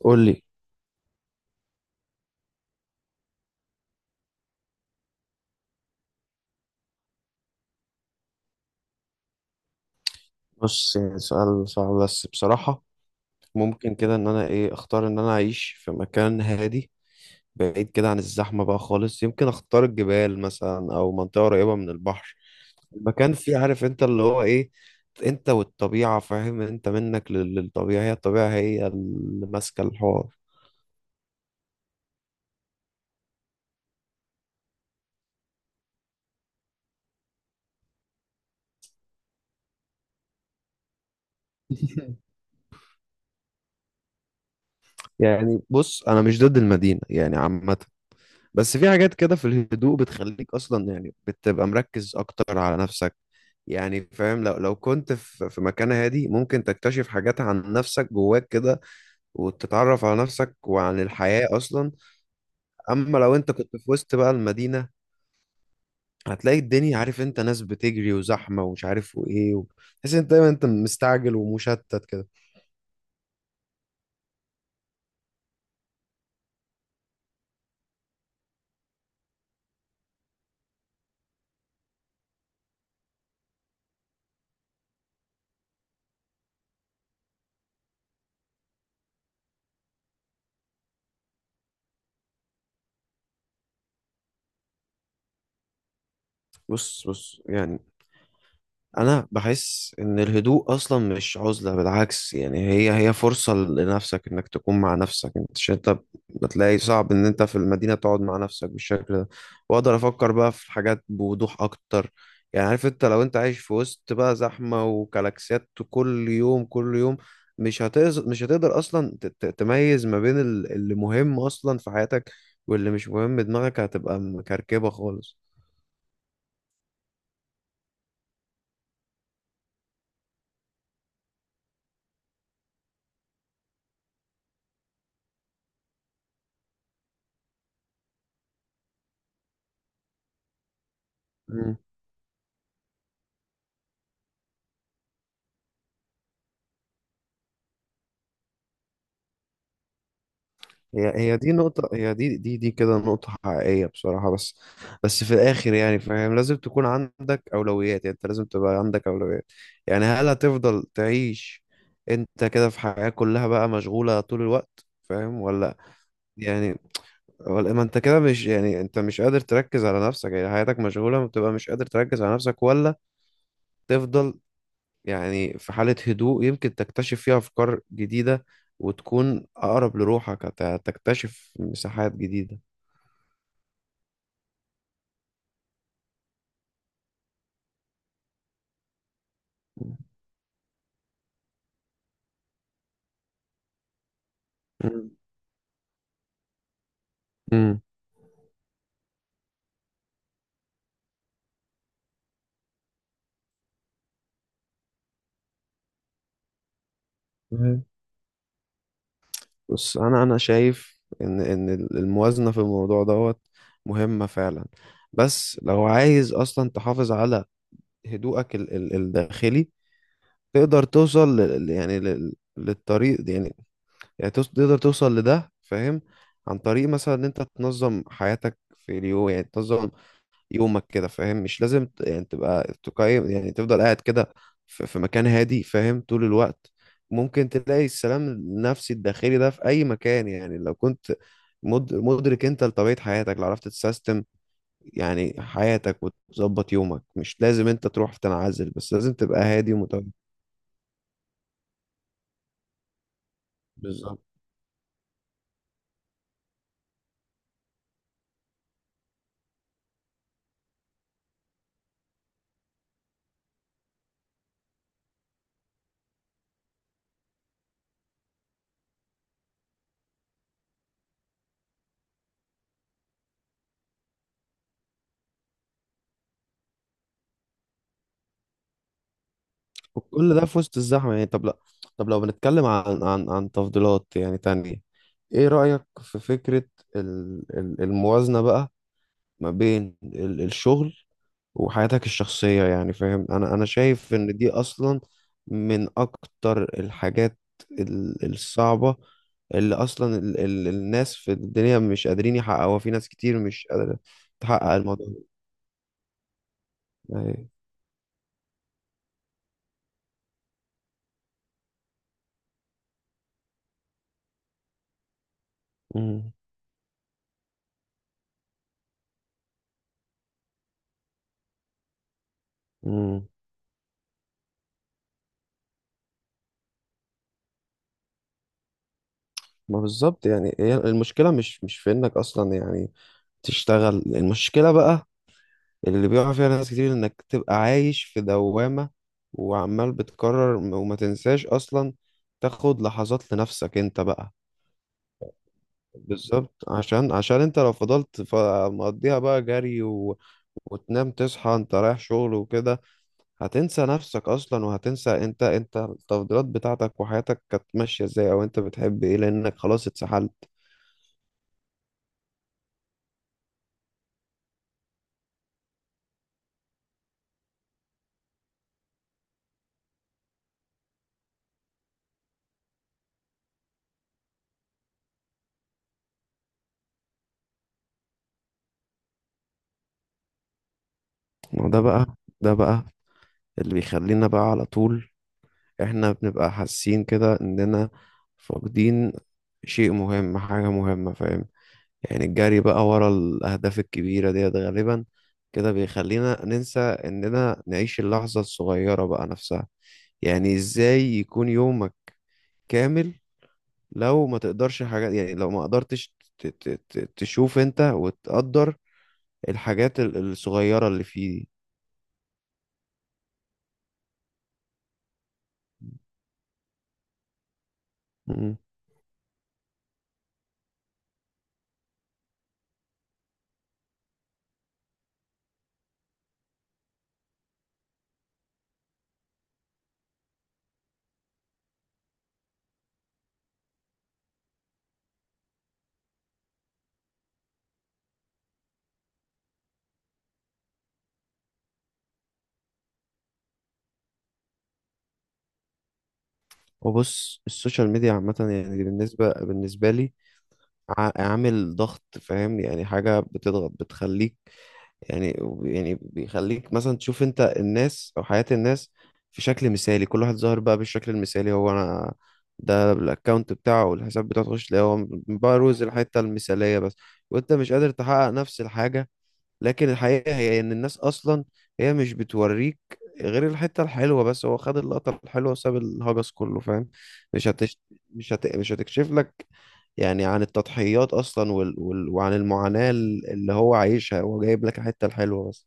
قول لي. بص، يعني سؤال صعب، بس بصراحة ممكن كده ان انا اختار ان انا اعيش في مكان هادي، بعيد كده عن الزحمة بقى خالص. يمكن اختار الجبال مثلا او منطقة قريبة من البحر. المكان فيه عارف انت اللي هو ايه، انت والطبيعة. فاهم؟ انت منك للطبيعة، هي الطبيعة هي اللي ماسكة الحوار. يعني بص، انا مش ضد المدينة يعني عامة، بس في حاجات كده في الهدوء بتخليك اصلا، يعني بتبقى مركز اكتر على نفسك. يعني فاهم، لو كنت في مكان هادي، ممكن تكتشف حاجات عن نفسك جواك كده، وتتعرف على نفسك وعن الحياة اصلا. اما لو انت كنت في وسط بقى المدينة، هتلاقي الدنيا، عارف انت، ناس بتجري وزحمة ومش عارف وايه تحس انت دايما انت مستعجل ومشتت كده. بص يعني، انا بحس ان الهدوء اصلا مش عزلة، بالعكس يعني هي فرصة لنفسك انك تكون مع نفسك انت، مش انت بتلاقي صعب ان انت في المدينة تقعد مع نفسك بالشكل ده. واقدر افكر بقى في حاجات بوضوح اكتر. يعني عارف انت، لو انت عايش في وسط بقى زحمة وكلاكسيات كل يوم كل يوم، مش هتقدر اصلا تميز ما بين اللي مهم اصلا في حياتك واللي مش مهم. دماغك هتبقى مكركبة خالص. هي دي نقطة، هي دي دي دي كده نقطة حقيقية بصراحة، بس في الآخر يعني فاهم، لازم تكون عندك أولويات. يعني أنت لازم تبقى عندك أولويات. يعني هل هتفضل تعيش أنت كده في حياة كلها بقى مشغولة طول الوقت، فاهم ولا؟ يعني ولا ما أنت كده، مش يعني أنت مش قادر تركز على نفسك، يعني حياتك مشغولة ما بتبقى مش قادر تركز على نفسك، ولا تفضل يعني في حالة هدوء يمكن تكتشف فيها أفكار جديدة وتكون أقرب لروحك، هتكتشف مساحات جديدة. مم. مم. مم. بس انا شايف ان الموازنه في الموضوع دوت مهمه فعلا. بس لو عايز اصلا تحافظ على هدوءك ال الداخلي تقدر توصل لل، يعني لل، للطريق يعني، يعني تقدر توصل لده فاهم، عن طريق مثلا ان انت تنظم حياتك في اليوم. يعني تنظم يومك كده فاهم، مش لازم يعني تبقى تقيم، يعني تفضل قاعد كده في مكان هادي فاهم طول الوقت. ممكن تلاقي السلام النفسي الداخلي ده في أي مكان، يعني لو كنت مدرك انت لطبيعة حياتك، لو عرفت تسيستم يعني حياتك وتظبط يومك، مش لازم انت تروح في تنعزل، بس لازم تبقى هادي ومتوازن. بالظبط. وكل ده في وسط الزحمة يعني. طب لا، طب لو بنتكلم عن عن تفضيلات يعني تانية، ايه رأيك في فكرة الموازنة بقى ما بين الشغل وحياتك الشخصية؟ يعني فاهم، انا شايف ان دي اصلا من اكتر الحاجات الصعبة اللي اصلا ال الناس في الدنيا مش قادرين يحققوها. في ناس كتير مش قادرة تحقق الموضوع ده. أيوة. مم. مم. ما بالظبط، يعني هي المشكلة مش في انك اصلا يعني تشتغل. المشكلة بقى اللي بيقع فيها ناس كتير، انك تبقى عايش في دوامة وعمال بتكرر، وما تنساش اصلا تاخد لحظات لنفسك انت بقى. بالظبط، عشان انت لو فضلت مقضيها بقى جري و... وتنام تصحى انت رايح شغل وكده، هتنسى نفسك اصلا، وهتنسى انت التفضيلات بتاعتك وحياتك كانت ماشية ازاي، او انت بتحب ايه، لانك خلاص اتسحلت. ما ده بقى، ده بقى اللي بيخلينا بقى على طول احنا بنبقى حاسين كده اننا فاقدين شيء مهم، حاجة مهمة فاهم. يعني الجري بقى ورا الأهداف الكبيرة ديت غالبا كده بيخلينا ننسى إننا نعيش اللحظة الصغيرة بقى نفسها. يعني إزاي يكون يومك كامل لو ما تقدرش حاجات، يعني لو ما قدرتش تشوف أنت وتقدر الحاجات الصغيرة اللي فيه دي. مم. وبص، السوشيال ميديا عامة يعني، بالنسبة لي، عامل ضغط فاهم، يعني حاجة بتضغط بتخليك يعني، يعني بيخليك مثلا تشوف انت الناس او حياة الناس في شكل مثالي. كل واحد ظاهر بقى بالشكل المثالي، هو انا ده الاكونت بتاعه والحساب بتاعه، تخش تلاقيه هو بقى روز الحتة المثالية بس، وانت مش قادر تحقق نفس الحاجة. لكن الحقيقة هي إن الناس أصلا هي مش بتوريك غير الحتة الحلوة بس. هو خد اللقطة الحلوة وساب الهجس كله فاهم. مش هتش... مش هتكشف لك يعني عن التضحيات أصلا وعن المعاناة اللي هو عايشها، هو جايب لك الحتة الحلوة بس.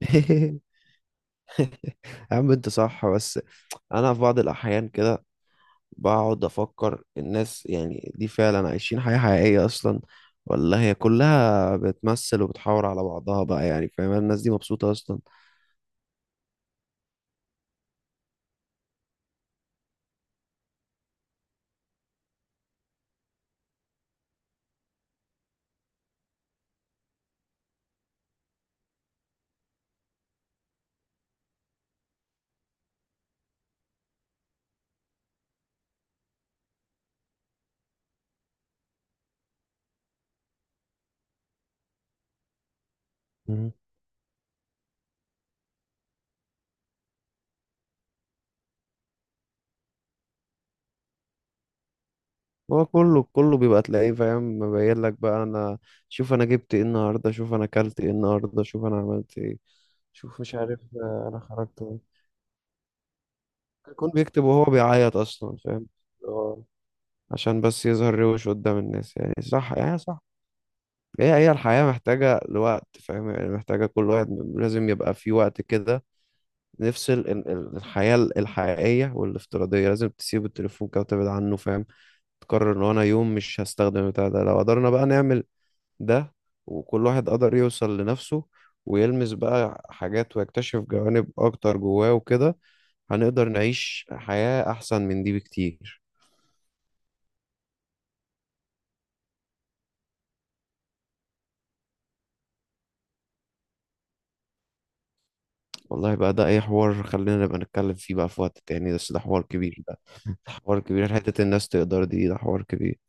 يا عم أنت صح، بس أنا في بعض الأحيان كده بقعد أفكر، الناس يعني دي فعلا عايشين حياة حقيقية أصلا، ولا هي كلها بتمثل وبتحاور على بعضها بقى؟ يعني فاهم، الناس دي مبسوطة أصلا؟ مم. هو كله بيبقى تلاقيه فاهم، مبين لك بقى: انا شوف انا جبت ايه النهارده، شوف انا اكلت ايه النهارده، شوف انا عملت ايه، شوف مش عارف انا خرجت إيه. يكون بيكتب وهو بيعيط اصلا فاهم. هو عشان بس يظهر روش قدام الناس، يعني صح يعني صح. هي الحياة محتاجة لوقت فاهم، يعني محتاجة كل واحد لازم يبقى في وقت كده نفصل الحياة الحقيقية والافتراضية. لازم تسيب التليفون كده وتبعد عنه فاهم، تقرر ان انا يوم مش هستخدم البتاع ده. لو قدرنا بقى نعمل ده، وكل واحد قدر يوصل لنفسه ويلمس بقى حاجات ويكتشف جوانب أكتر جواه وكده، هنقدر نعيش حياة أحسن من دي بكتير. والله بقى، ده أي حوار خلينا نبقى نتكلم فيه بقى في وقت تاني، بس ده حوار كبير، ده حوار كبير. حتة الناس تقدر دي، ده حوار كبير.